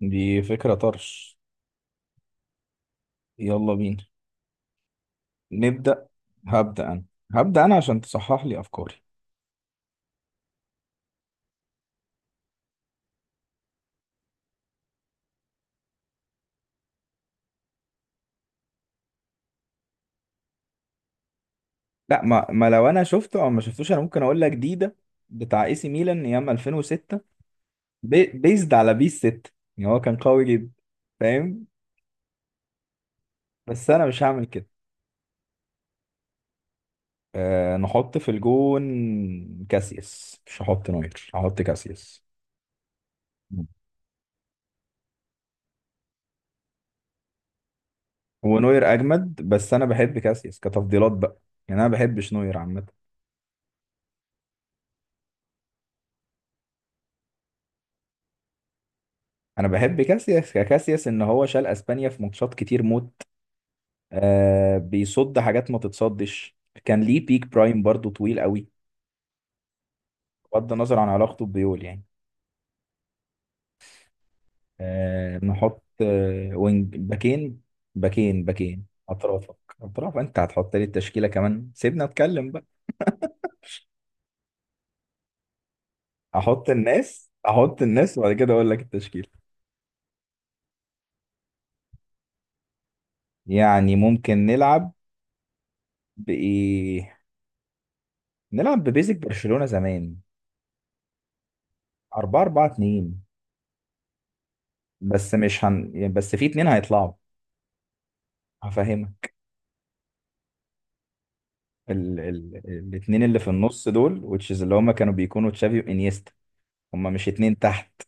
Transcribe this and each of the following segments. دي فكرة طرش. يلا بينا. نبدأ. هبدأ أنا. هبدأ أنا عشان تصحح لي أفكاري. لا، ما لو أنا شفته أو ما شفتوش أنا ممكن أقول لك جديدة. بتاع إي سي ميلان أيام 2006. بيزد على بيس 6. يعني هو كان قوي جدا. فاهم؟ بس أنا مش هعمل كده. أه، نحط في الجون كاسياس. مش هحط نوير، هحط كاسياس. مم. هو نوير أجمد بس أنا بحب كاسياس كتفضيلات بقى. يعني أنا ما بحبش نوير عامة. انا بحب كاسياس. كاسياس ان هو شال اسبانيا في ماتشات كتير موت. آه، بيصد حاجات ما تتصدش. كان ليه بيك برايم برضو طويل قوي. بغض النظر عن علاقته ببيول يعني. آه نحط، آه وينج باكين. باكين باكين اطرافك. اطراف. انت هتحط لي التشكيله كمان؟ سيبنا اتكلم بقى. احط الناس، احط الناس وبعد كده اقول لك التشكيله. يعني ممكن نلعب بايه. نلعب ببيزك برشلونه زمان. 4-4-2. بس مش هن يعني، بس في اتنين هيطلعوا. هفهمك. الاتنين اللي في النص دول which is اللي هما كانوا بيكونوا تشافي وانيستا. هما مش اتنين تحت؟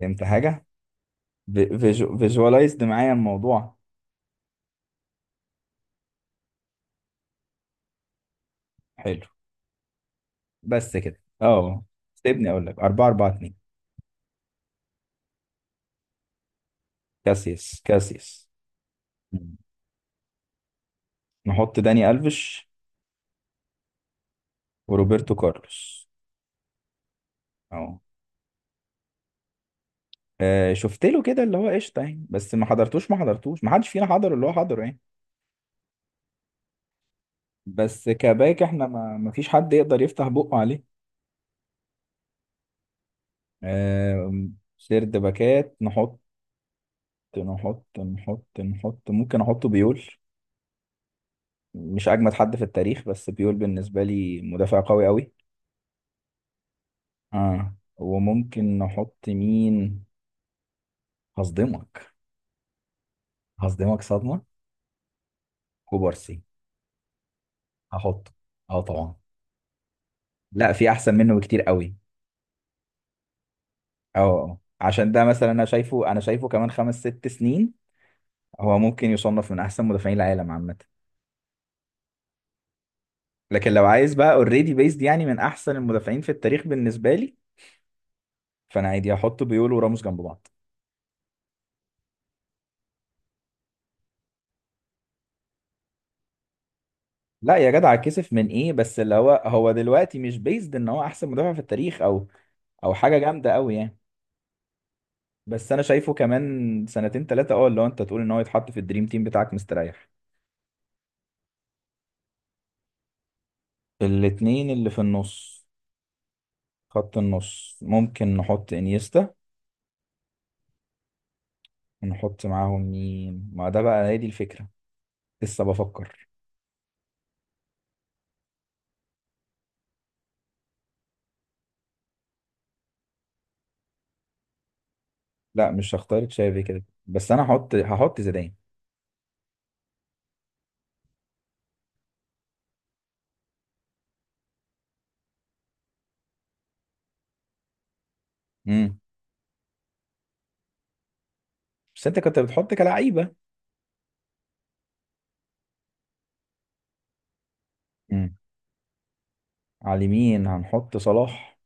فهمت حاجة؟ فيجوالايزد معايا الموضوع. حلو، بس كده اه، سيبني اقول لك 4-4-2. كاسياس كاسياس. مم. نحط داني الفيش وروبرتو كارلوس. اهو. آه، شفت له كده اللي هو قشطه يعني، بس ما حضرتوش، ما حضرتوش، ما حدش فينا حضر اللي هو حضره يعني. بس كباك، احنا ما فيش حد يقدر يفتح بقه عليه. سيرد باكات نحط. نحط ممكن احط بيول. مش اجمد حد في التاريخ بس بيول بالنسبه لي مدافع قوي قوي. اه، وممكن نحط مين؟ هصدمك. هصدمك صدمه. كوبارسي. هحطه. اه طبعا. لا، في احسن منه بكتير قوي. اه. آه. آه. عشان ده مثلا انا شايفه كمان خمس ست سنين هو ممكن يصنف من احسن مدافعين العالم عامه. لكن لو عايز بقى اوريدي بيزد يعني، من احسن المدافعين في التاريخ بالنسبه لي فانا عادي احط بيول وراموس جنب بعض. لا يا جدع، كسف من ايه؟ بس اللي هو دلوقتي مش بيزد ان هو احسن مدافع في التاريخ او او حاجه جامده قوي يعني. بس انا شايفه كمان سنتين ثلاثه اه، اللي هو انت تقول ان هو يتحط في الدريم تيم بتاعك مستريح. الاتنين اللي في النص، خط النص، ممكن نحط انيستا ونحط معاهم مين، ما ده بقى هي دي الفكره. لسه بفكر. لا مش هختار تشافي كده بس انا هحط زيدان. امم. بس انت كنت بتحط كلعيبه. امم. على اليمين هنحط صلاح.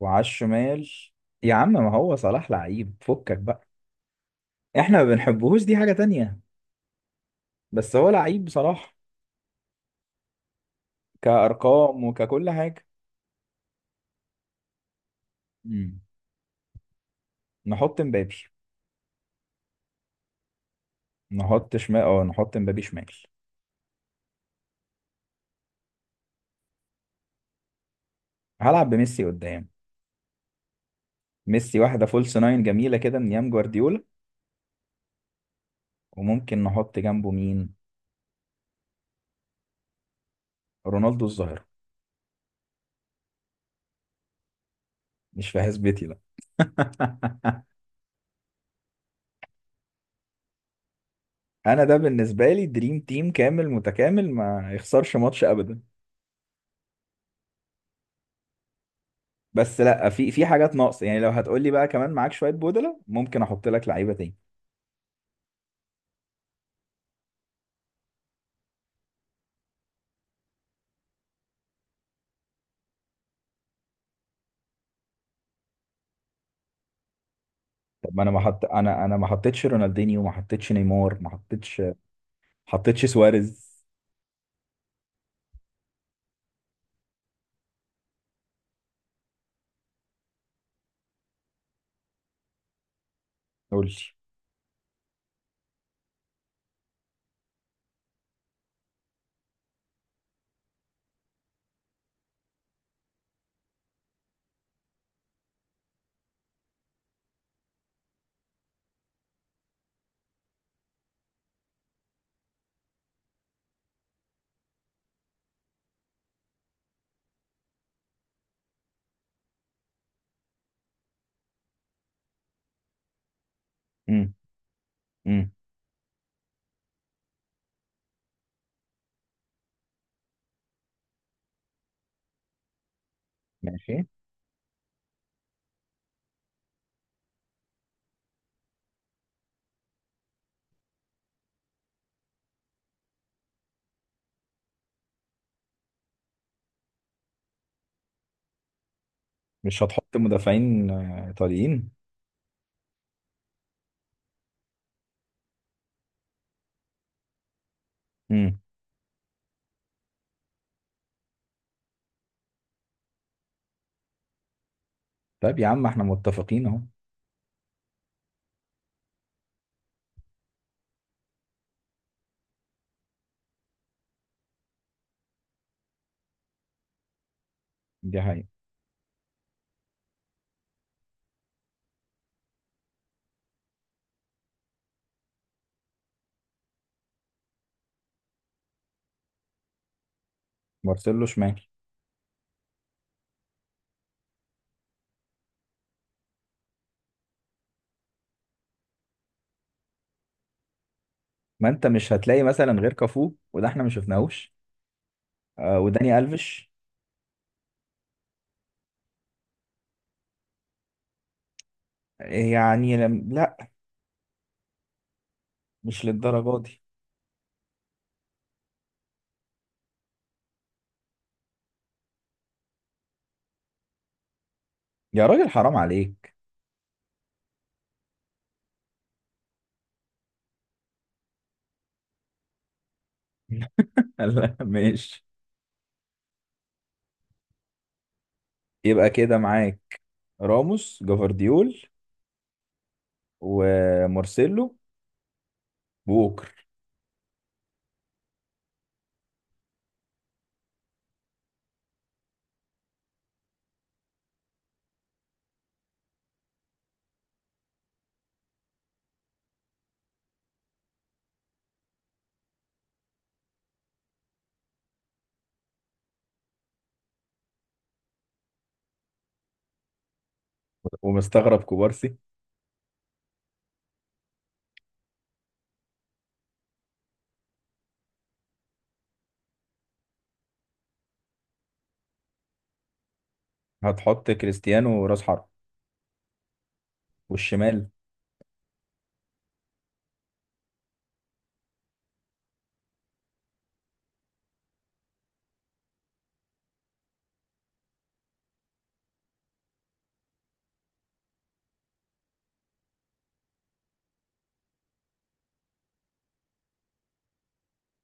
وعلى الشمال. يا عم ما هو صلاح لعيب فكك بقى. احنا ما بنحبهوش، دي حاجة تانية. بس هو لعيب بصراحة. كأرقام وككل حاجة. مم. نحط مبابي. نحط شمال، اه نحط مبابي شمال. هلعب بميسي قدام. ميسي واحدة فولس ناين جميلة كده من ايام جوارديولا. وممكن نحط جنبه مين؟ رونالدو الظاهرة. مش في حسبتي لا. انا ده بالنسبة لي دريم تيم كامل متكامل ما يخسرش ماتش ابدا. بس لا، في حاجات ناقصه يعني. لو هتقول لي بقى كمان معاك شويه بودلة ممكن احط لك لعيبه تاني. طب ما انا ما حط، انا ما حطيتش رونالدينيو، ما حطيتش نيمار، ما حطيتش سواريز. قول لي. امم. امم ماشي. مش هتحط مدافعين ايطاليين؟ امم. طيب يا عم احنا متفقين اهو. دي حقيقة. مارسيلو شمال. ما انت مش هتلاقي مثلا غير كافو وده احنا ما شفناهوش. آه وداني الفيش. يعني لم... لا، مش للدرجه دي. يا راجل حرام عليك. لا ماشي. يبقى كده معاك راموس جفارديول ومارسيلو ووكر. ومستغرب كوبارسي. هتحط كريستيانو راس حرب؟ والشمال؟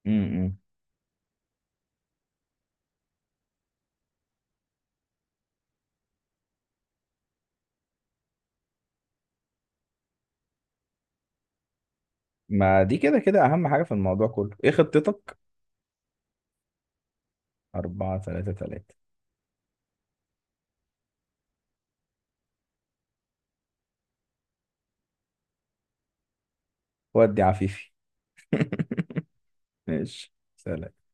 امم. ما دي كده كده اهم حاجة في الموضوع كله، ايه خطتك؟ 4-3-3. ودي عفيفي. ماشي سلام.